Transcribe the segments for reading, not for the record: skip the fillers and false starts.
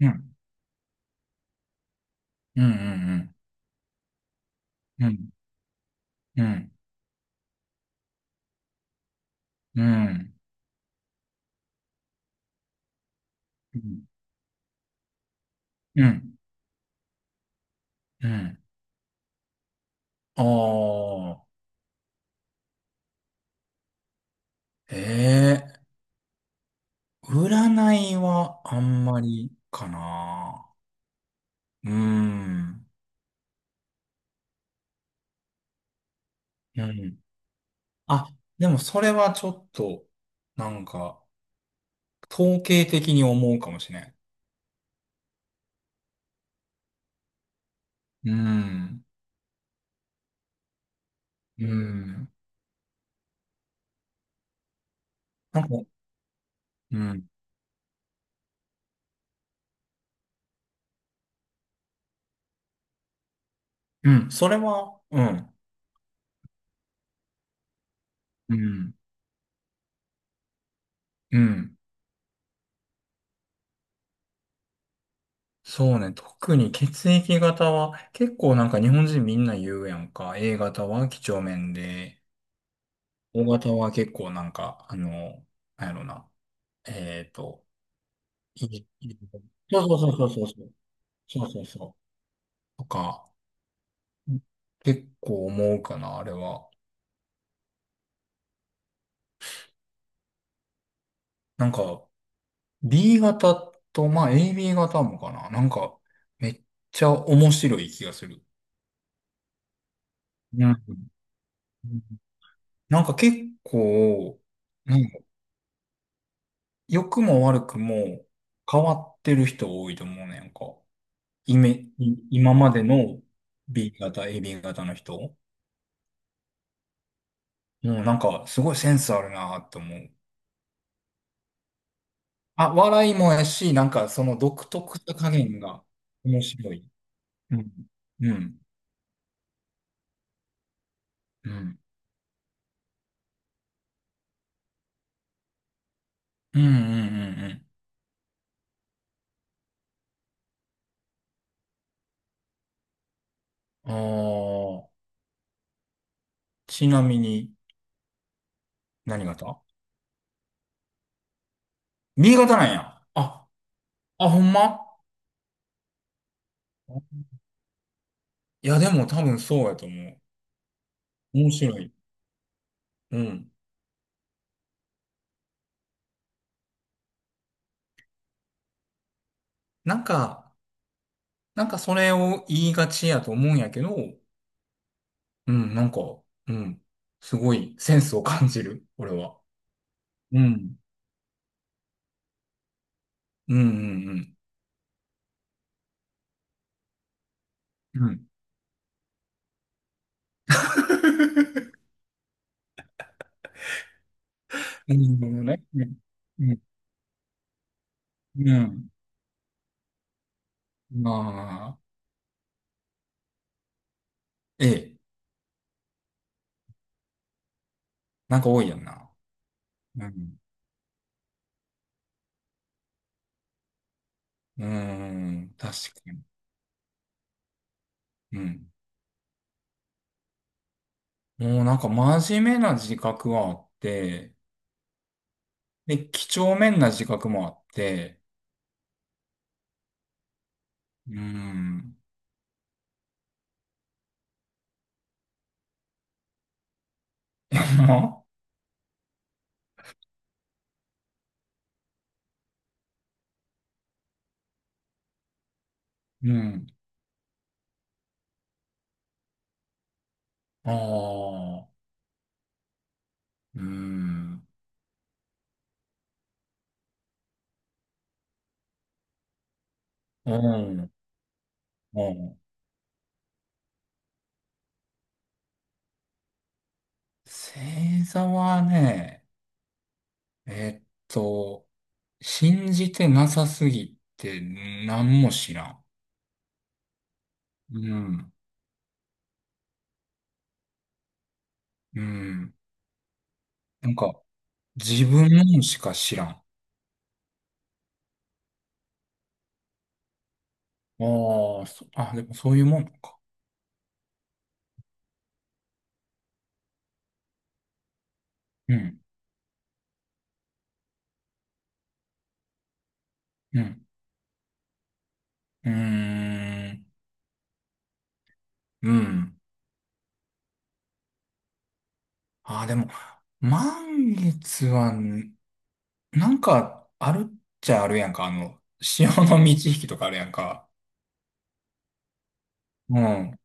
うん、うん、うん、うん、うん、うん、うん、うん、うん。ああ、ええ占いはあんまりかな。うーん、うん。あ、でもそれはちょっと、なんか、統計的に思うかもしれん。うん、うん。なんか、うん、うん、それは、うん、うん、うん。そうね。特に血液型は結構なんか日本人みんな言うやんか。A 型は几帳面で、O 型は結構なんか、あの、なんやろな。えっと、いい、いいそうそうそうそうそう。そうそうそう。とか、結構思うかな、あれは。なんか、B 型と、まあ AB 型もかな。なんか、めっちゃ面白い気がする。うん。なんか結構、なん良くも悪くも変わってる人多いと思うねんか。イメ、今までの B 型、AB 型の人。もうなんかすごいセンスあるなって思う。あ、笑いもやし、なんかその独特さ加減が面白い。うん。うん。うん。うんうんうんうん。ああ、ちなみに何型？ B 型なんや。あ、ほんま。いやでも多分そうやと思う。面白い。うん。なんか、それを言いがちやと思うんやけど、うん、なんか、うん、すごいセンスを感じる、俺は。うん。うん、うん、うん。うん。うんなるほどね。うんうん。うんまあ、ええ、なんか多いやんな。うん。うーん、確かに。うん。もうなんか真面目な自覚はあって、で、几帳面な自覚もあって、うーん。うん。ああ、うーん。うん。うん。星座はね、えーっと、信じてなさすぎて何も知らん。うん。うん。なんか、自分のしか知らん。ああ、でもそういうもんか。うん。うん。うーん。うん。ああ、でも、満月は、なんか、あるっちゃあるやんか。あの、潮の満ち引きとかあるやんか。うん。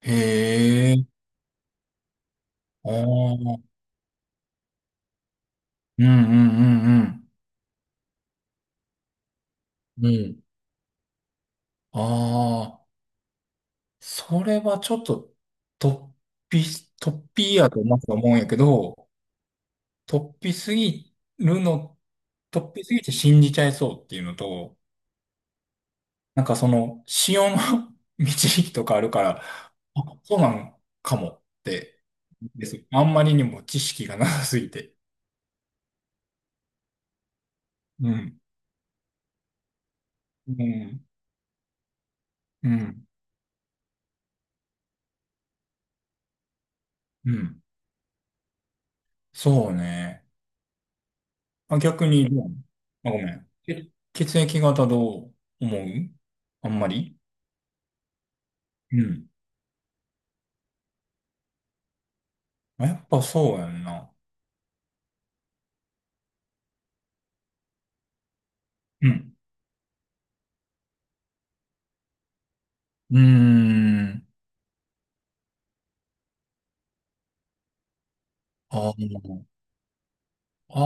へえ。ああ。うんうんうんうん。うん。ああ、それはちょっと、突突飛やとまず思うんやけど、突飛すぎるの、突飛すぎて信じちゃいそうっていうのと、なんかその、潮の 導きとかあるから、あ、そうなんかもって、です。あんまりにも知識がなさすぎて。うん。うん。うん。うん。そうね。あ、逆にどうなの？あ、ごめん。血液型どう思う？あんまり。うん。あやっぱそうやんな。うん。うーん。あーあ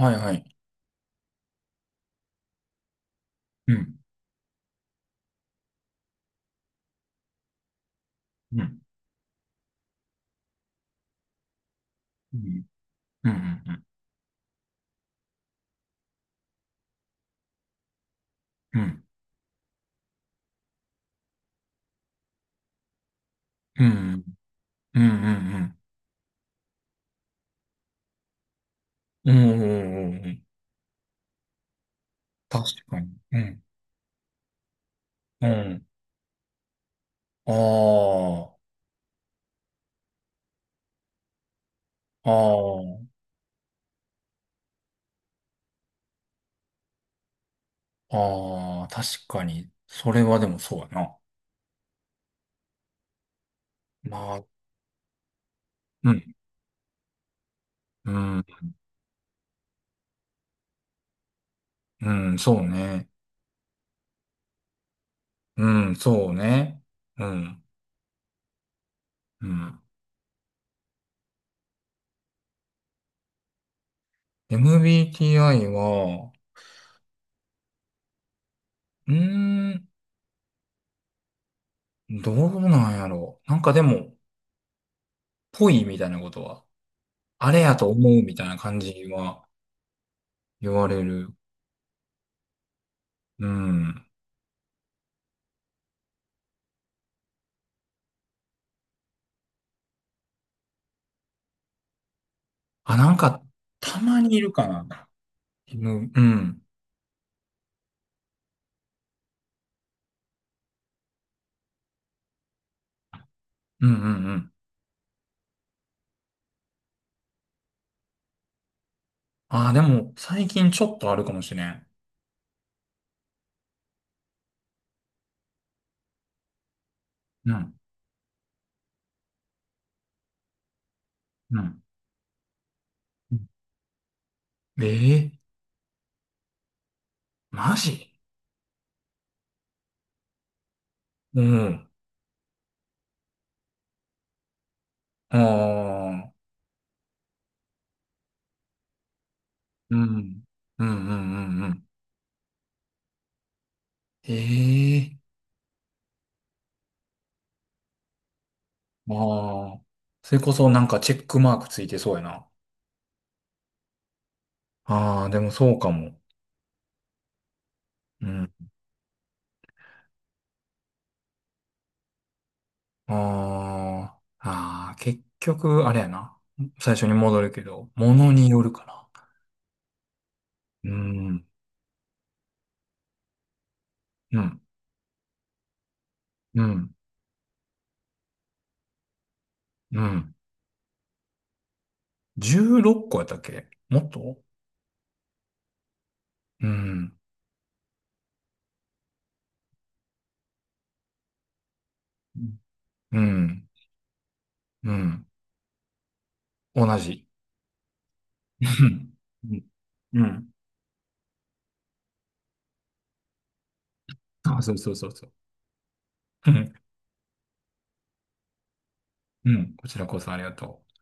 ー、はいはい。うん。うん。うん。うん。うん。うん。うん。うん。うん。うん。うんうんうんうん確かに。うん。うん。ああ、ああ、ああ、確かに。それはでもそうやな。まあ、うん。うん。うん、そうね。うん、そうね。うん、うん。MBTI は、うーん、どうなんやろう。なんかでも、ぽいみたいなことは、あれやと思うみたいな感じは言われる。うん。あ、なんか、たまにいるかな。うん、うん、うん、うん。あ、でも、最近ちょっとあるかもしれん。うん、うん。うんええマジ？うん。ああ、うん、うん、うん、うん、うん。ええああ。それこそなんかチェックマークついてそうやな。ああ、でもそうかも。うん。ああ、ああ、結局、あれやな。最初に戻るけど、ものによるかな。うん、うん、うん、うん。16個やったっけ？もっと？うん、うん、うん。同じ。うん、うん。うんあ、そうそうそうそう。うん、うん。こちらこそありがとう。